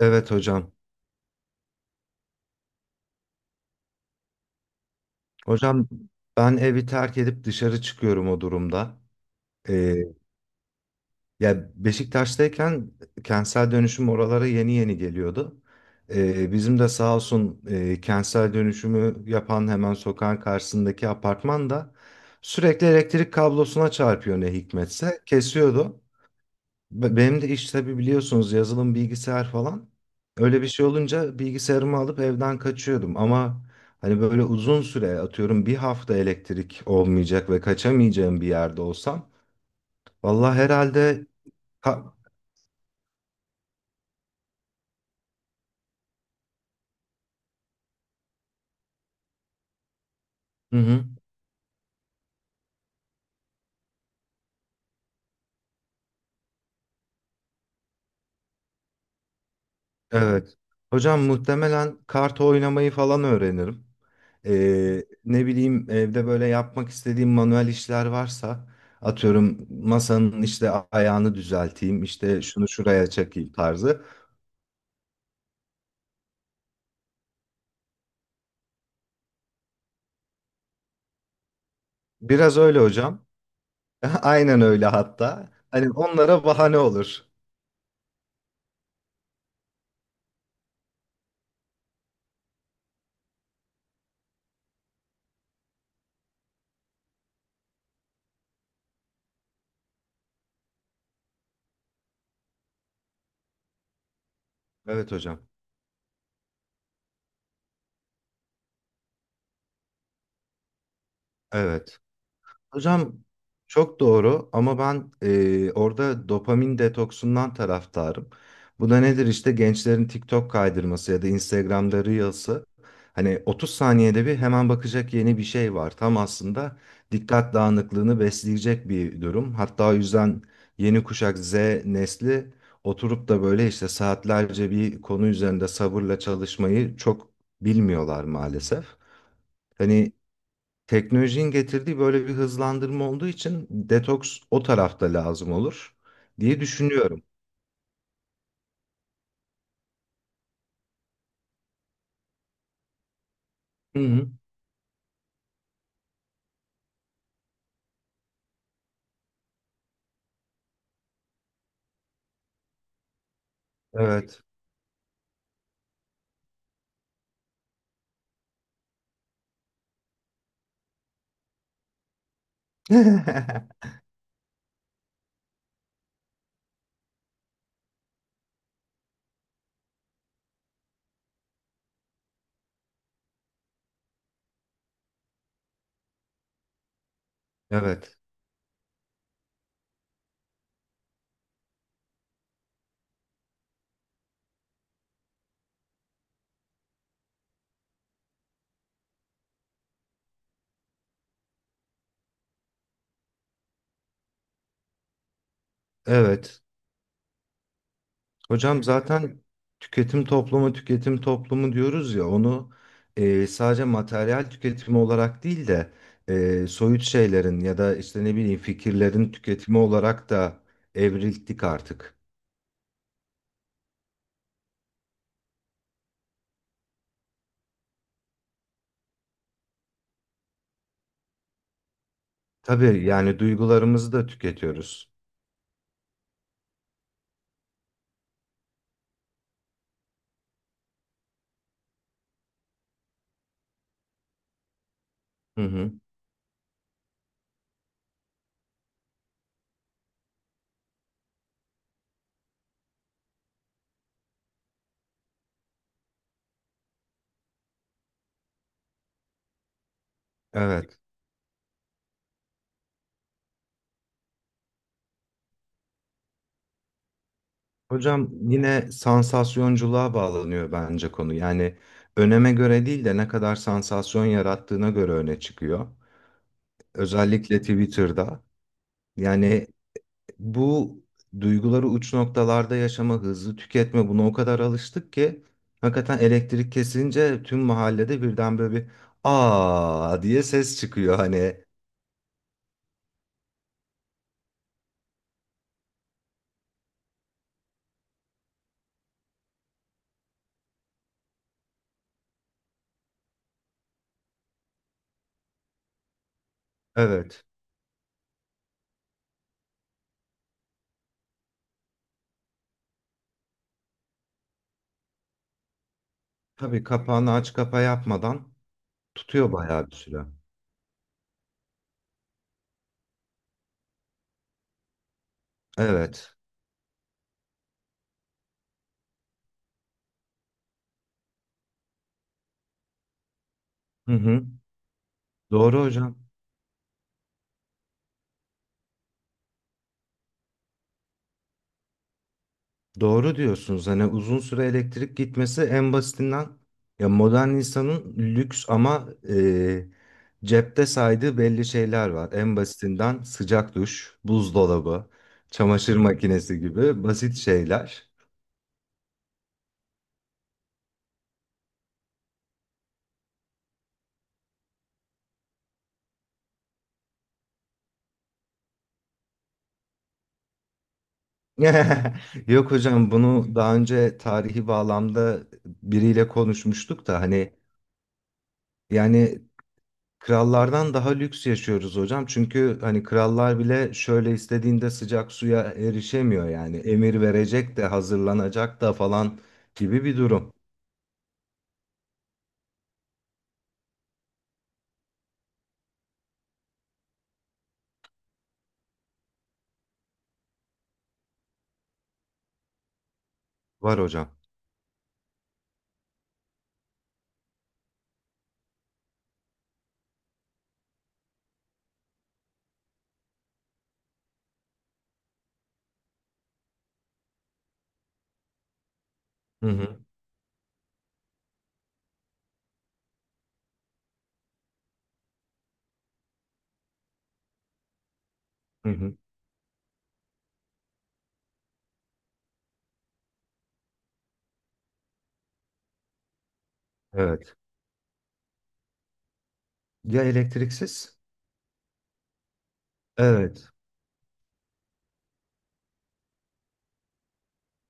Evet hocam. Hocam ben evi terk edip dışarı çıkıyorum o durumda. Ee, Ya Beşiktaş'tayken kentsel dönüşüm oralara yeni yeni geliyordu. Bizim de sağ olsun kentsel dönüşümü yapan hemen sokağın karşısındaki apartman da sürekli elektrik kablosuna çarpıyor ne hikmetse kesiyordu. Benim de iş tabii biliyorsunuz yazılım bilgisayar falan. Öyle bir şey olunca bilgisayarımı alıp evden kaçıyordum ama hani böyle uzun süre atıyorum bir hafta elektrik olmayacak ve kaçamayacağım bir yerde olsam vallahi herhalde ka- hı hı, evet. Hocam muhtemelen kart oynamayı falan öğrenirim. Ne bileyim evde böyle yapmak istediğim manuel işler varsa atıyorum masanın işte ayağını düzelteyim işte şunu şuraya çekeyim tarzı. Biraz öyle hocam. Aynen öyle hatta. Hani onlara bahane olur. Evet hocam. Evet. Hocam çok doğru ama ben orada dopamin detoksundan taraftarım. Bu da nedir işte gençlerin TikTok kaydırması ya da Instagram'da Reels'ı. Hani 30 saniyede bir hemen bakacak yeni bir şey var. Tam aslında dikkat dağınıklığını besleyecek bir durum. Hatta o yüzden yeni kuşak Z nesli oturup da böyle işte saatlerce bir konu üzerinde sabırla çalışmayı çok bilmiyorlar maalesef. Hani teknolojinin getirdiği böyle bir hızlandırma olduğu için detoks o tarafta lazım olur diye düşünüyorum. Hı hı. Evet. Evet. Evet. Hocam zaten tüketim toplumu, tüketim toplumu diyoruz ya onu sadece materyal tüketimi olarak değil de soyut şeylerin ya da işte ne bileyim fikirlerin tüketimi olarak da evrildik artık. Tabii yani duygularımızı da tüketiyoruz. Hı hı. Evet. Hocam yine sansasyonculuğa bağlanıyor bence konu. Yani öneme göre değil de ne kadar sansasyon yarattığına göre öne çıkıyor. Özellikle Twitter'da. Yani bu duyguları uç noktalarda yaşama, hızlı tüketme buna o kadar alıştık ki hakikaten elektrik kesince tüm mahallede birden böyle bir aa diye ses çıkıyor hani. Evet. Tabii kapağını aç kapa yapmadan tutuyor bayağı bir süre. Evet. Hı hı. Doğru hocam. Doğru diyorsunuz. Hani uzun süre elektrik gitmesi en basitinden ya modern insanın lüks ama cepte saydığı belli şeyler var. En basitinden sıcak duş, buzdolabı, çamaşır makinesi gibi basit şeyler. Yok hocam bunu daha önce tarihi bağlamda biriyle konuşmuştuk da hani yani krallardan daha lüks yaşıyoruz hocam. Çünkü hani krallar bile şöyle istediğinde sıcak suya erişemiyor yani. Emir verecek de hazırlanacak da falan gibi bir durum var hocam. Hı hı. Hı hı. Evet. Ya elektriksiz? Evet.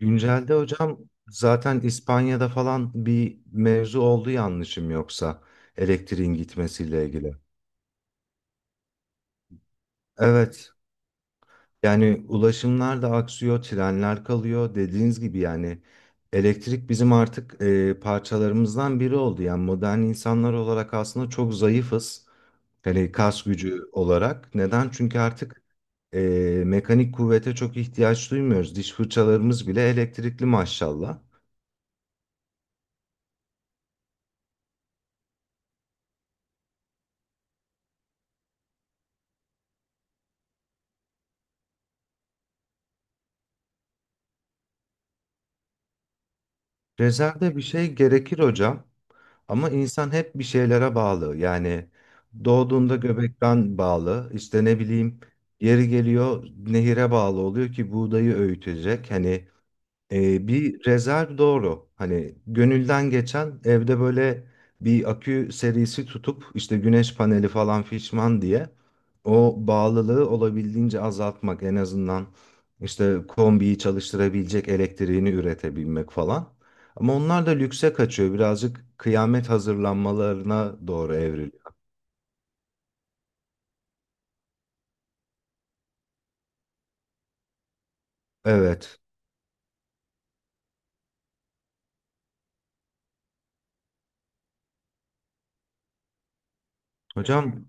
Güncelde hocam zaten İspanya'da falan bir mevzu oldu yanlışım yoksa elektriğin gitmesiyle ilgili. Evet. Yani ulaşımlar da aksıyor, trenler kalıyor. Dediğiniz gibi yani elektrik bizim artık parçalarımızdan biri oldu. Yani modern insanlar olarak aslında çok zayıfız. Hani kas gücü olarak. Neden? Çünkü artık e, mekanik kuvvete çok ihtiyaç duymuyoruz. Diş fırçalarımız bile elektrikli maşallah. Rezervde bir şey gerekir hocam. Ama insan hep bir şeylere bağlı. Yani doğduğunda göbekten bağlı. İşte ne bileyim yeri geliyor nehire bağlı oluyor ki buğdayı öğütecek. Hani bir rezerv doğru. Hani gönülden geçen evde böyle bir akü serisi tutup işte güneş paneli falan fişman diye o bağlılığı olabildiğince azaltmak en azından işte kombiyi çalıştırabilecek elektriğini üretebilmek falan. Ama onlar da lükse kaçıyor. Birazcık kıyamet hazırlanmalarına doğru evriliyor. Evet. Hocam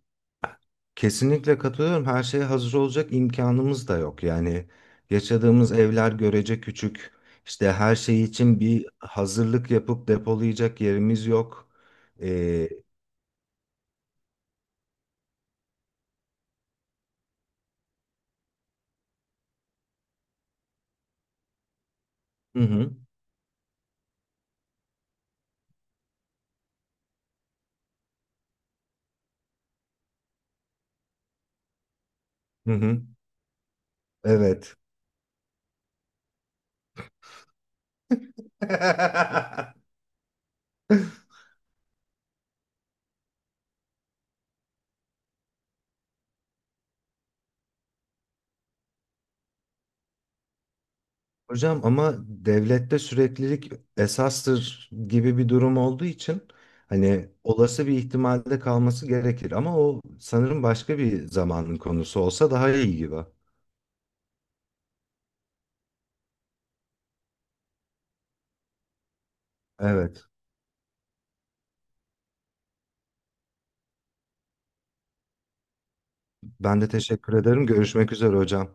kesinlikle katılıyorum. Her şeye hazır olacak imkanımız da yok. Yani yaşadığımız evler görece küçük. İşte her şey için bir hazırlık yapıp depolayacak yerimiz yok. Ee, hı hı, hı hı. Evet. Hocam ama devlette süreklilik esastır gibi bir durum olduğu için hani olası bir ihtimalde kalması gerekir. Ama o sanırım başka bir zamanın konusu olsa daha iyi gibi. Evet. Ben de teşekkür ederim. Görüşmek üzere hocam.